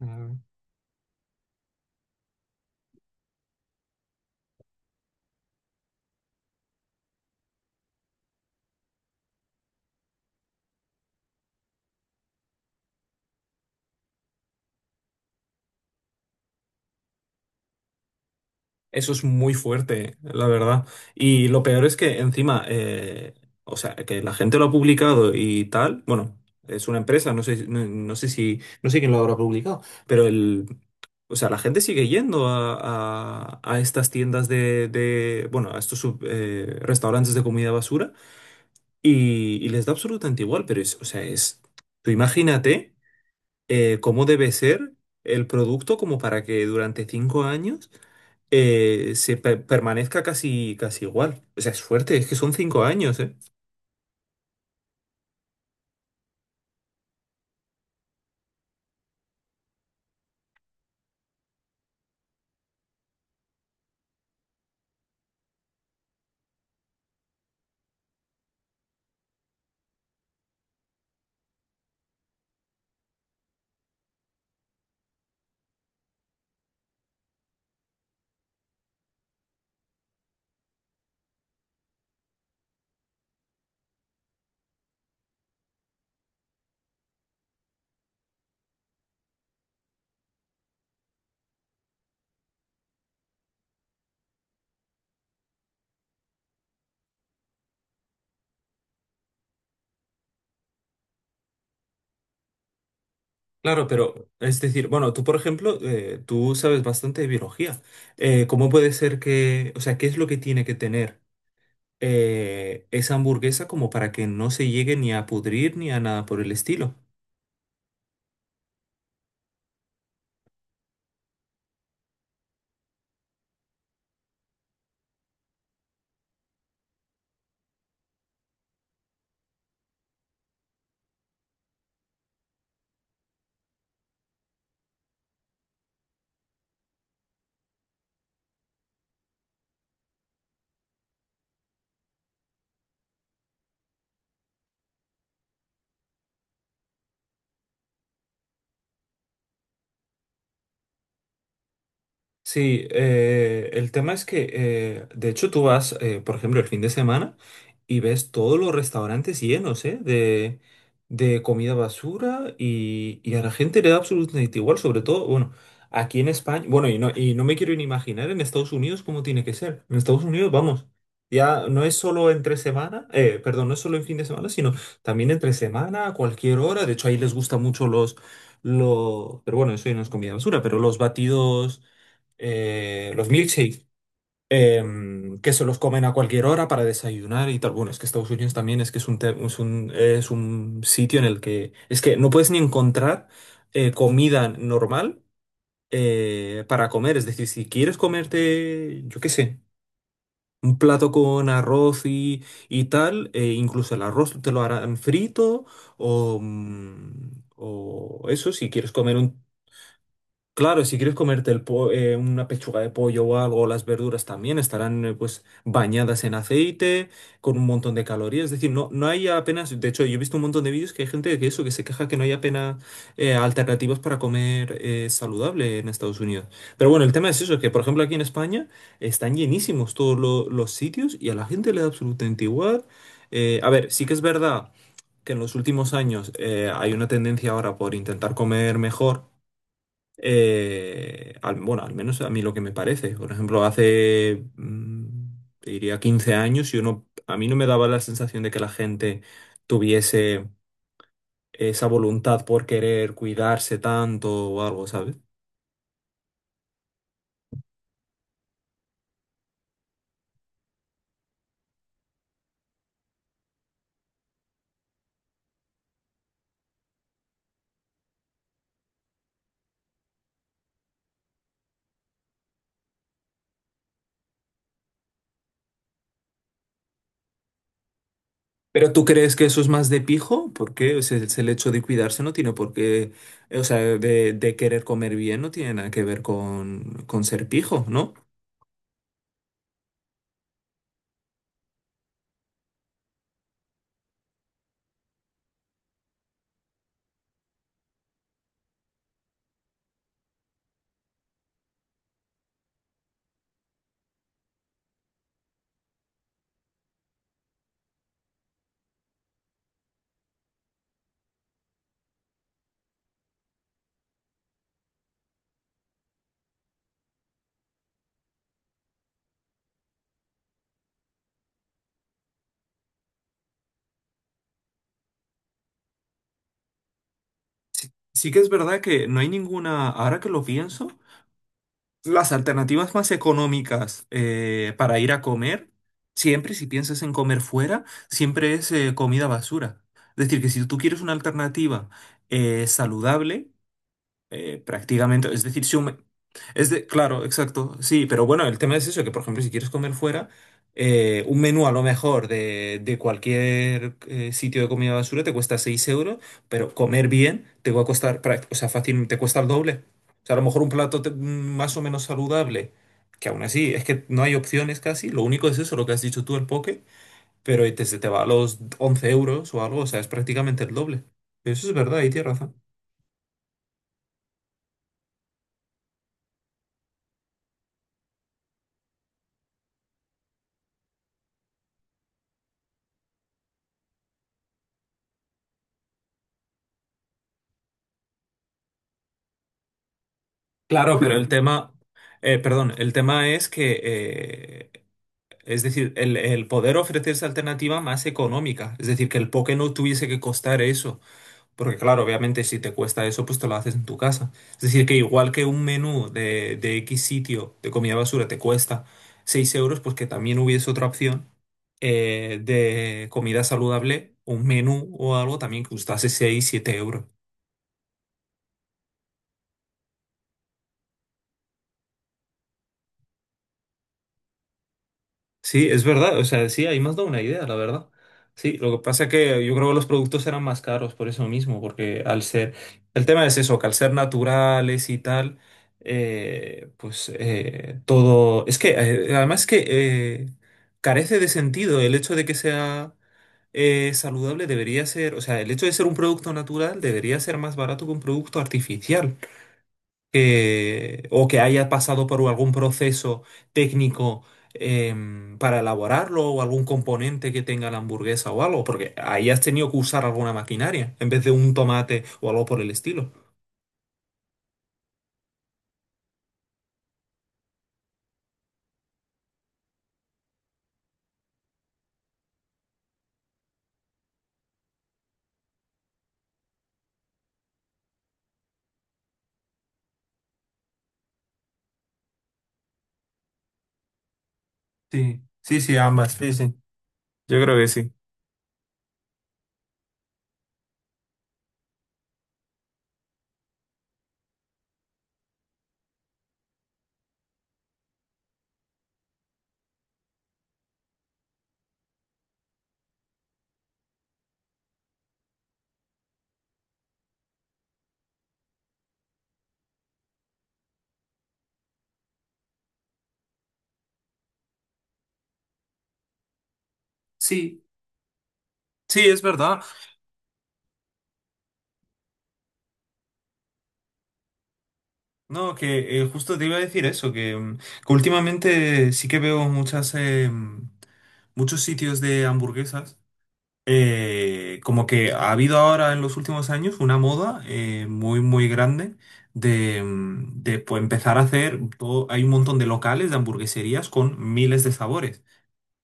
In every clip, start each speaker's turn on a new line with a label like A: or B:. A: Mm. Eso es muy fuerte, la verdad. Y lo peor es que encima, que la gente lo ha publicado y tal, bueno, es una empresa, no sé, no sé quién lo habrá publicado, pero o sea, la gente sigue yendo a estas tiendas bueno, a estos restaurantes de comida basura y les da absolutamente igual, pero es, o sea, es, tú imagínate. Cómo debe ser el producto como para que durante cinco años se permanezca casi, casi igual. O sea, es fuerte, es que son cinco años, ¿eh? Claro, pero es decir, bueno, tú por ejemplo, tú sabes bastante de biología. ¿Cómo puede ser qué es lo que tiene que tener esa hamburguesa como para que no se llegue ni a pudrir ni a nada por el estilo? Sí, el tema es de hecho, tú vas, por ejemplo, el fin de semana y ves todos los restaurantes llenos, ¿eh? De comida basura y a la gente le da absolutamente igual, sobre todo, bueno, aquí en España, bueno, y no me quiero ni imaginar en Estados Unidos cómo tiene que ser. En Estados Unidos, vamos, ya no es solo entre semana, perdón, no es solo en fin de semana, sino también entre semana, a cualquier hora. De hecho, ahí les gustan mucho pero bueno, eso ya no es comida basura, pero los batidos los milkshakes, que se los comen a cualquier hora para desayunar y tal. Bueno, es que Estados Unidos también es que es un, es un, es un sitio en el que es que no puedes ni encontrar comida normal para comer. Es decir, si quieres comerte, yo qué sé. Un plato con arroz y tal, incluso el arroz te lo harán frito o, o eso, si quieres comer un Claro, si quieres comerte el una pechuga de pollo o algo, las verduras también estarán pues bañadas en aceite, con un montón de calorías. Es decir, no, no hay apenas, de hecho, yo he visto un montón de vídeos que hay gente que eso, que se queja que no hay apenas alternativas para comer saludable en Estados Unidos. Pero bueno, el tema es eso, que por ejemplo aquí en España están llenísimos todos los sitios y a la gente le da absolutamente igual. A ver, sí que es verdad que en los últimos años hay una tendencia ahora por intentar comer mejor. Bueno, al menos a mí lo que me parece. Por ejemplo, hace, te diría, 15 años, yo no, a mí no me daba la sensación de que la gente tuviese esa voluntad por querer cuidarse tanto o algo, ¿sabes? Pero ¿tú crees que eso es más de pijo? Porque o sea, es el hecho de cuidarse no tiene por qué, o sea, de querer comer bien no tiene nada que ver con ser pijo, ¿no? Sí que es verdad que no hay ninguna, ahora que lo pienso, las alternativas más económicas para ir a comer, siempre si piensas en comer fuera, siempre es comida basura. Es decir, que si tú quieres una alternativa saludable, prácticamente, es decir, si un- es de, claro, exacto, sí, pero bueno, el tema es eso, que por ejemplo, si quieres comer fuera, un menú a lo mejor de cualquier sitio de comida basura te cuesta 6 euros, pero comer bien te va a costar, o sea, fácil, te cuesta el doble. O sea, a lo mejor un más o menos saludable, que aún así es que no hay opciones casi, lo único es eso, lo que has dicho tú, el poke, se te va a los 11 euros o algo, o sea, es prácticamente el doble. Eso es verdad, y tienes razón. Claro, el tema es es decir, el poder ofrecer esa alternativa más económica, es decir, que el poke no tuviese que costar eso, porque claro, obviamente si te cuesta eso, pues te lo haces en tu casa. Es decir, que igual que un menú de X sitio de comida basura te cuesta 6 euros, pues que también hubiese otra opción de comida saludable, un menú o algo también que costase 6 7 euros. Sí, es verdad, o sea, sí, ahí me has dado una idea, la verdad. Sí, lo que pasa es que yo creo que los productos eran más caros por eso mismo, porque al ser, el tema es eso, que al ser naturales y tal, todo, es que además que eh, carece de sentido el hecho de que sea saludable debería ser, o sea, el hecho de ser un producto natural debería ser más barato que un producto artificial o que haya pasado por algún proceso técnico para elaborarlo o algún componente que tenga la hamburguesa o algo, porque ahí has tenido que usar alguna maquinaria en vez de un tomate o algo por el estilo. Sí, sí, sí, ambas, sí, sí. Yo creo que sí. Sí, sí, es verdad. No, que justo te iba a decir eso, que últimamente sí que veo muchas, muchos sitios de hamburguesas. Como que ha habido ahora en los últimos años una moda muy muy grande de, pues, empezar a hacer todo, hay un montón de locales de hamburgueserías con miles de sabores,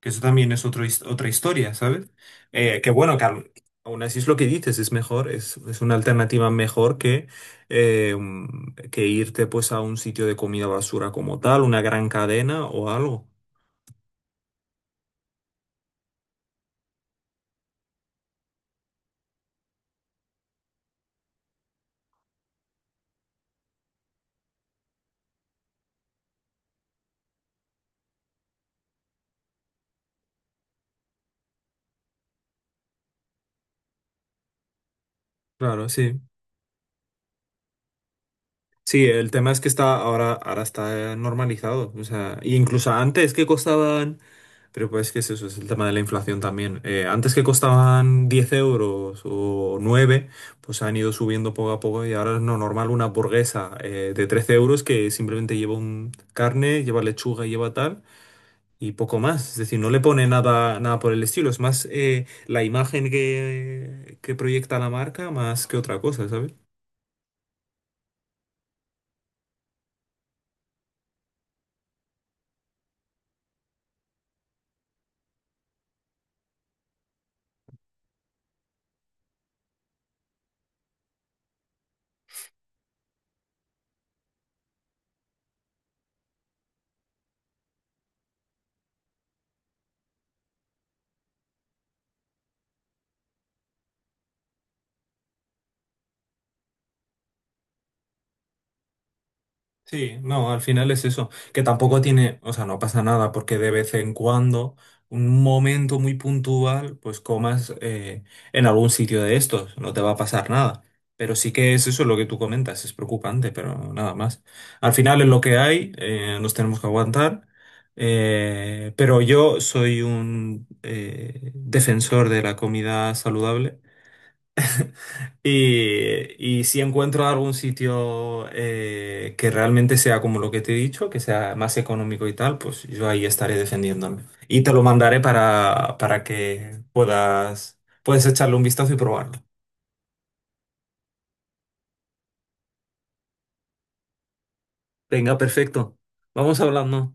A: que eso también es otro otra historia, ¿sabes? Que bueno, que al- Aún así es lo que dices, es mejor, es una alternativa mejor que, que irte pues a un sitio de comida basura como tal, una gran cadena o algo. Claro, sí. Sí, el tema es que está ahora, ahora está normalizado. O sea, y incluso antes que costaban, pero pues que es eso, es el tema de la inflación también. Antes que costaban 10 euros o 9, pues han ido subiendo poco a poco y ahora es no normal una hamburguesa de 13 euros que simplemente lleva un carne, lleva lechuga y lleva tal. Y poco más, es decir, no le pone nada, nada por el estilo, es más la imagen que proyecta la marca más que otra cosa, ¿sabes? Sí, no, al final es eso, que tampoco tiene, o sea, no pasa nada porque de vez en cuando, un momento muy puntual, pues comas en algún sitio de estos, no te va a pasar nada. Pero sí que es eso lo que tú comentas, es preocupante, pero nada más. Al final es lo que hay, nos tenemos que aguantar, pero yo soy un defensor de la comida saludable. Y si encuentro algún sitio que realmente sea como lo que te he dicho, que sea más económico y tal, pues yo ahí estaré defendiéndome. Y te lo mandaré para que puedas, puedes echarle un vistazo y probarlo. Venga, perfecto. Vamos hablando.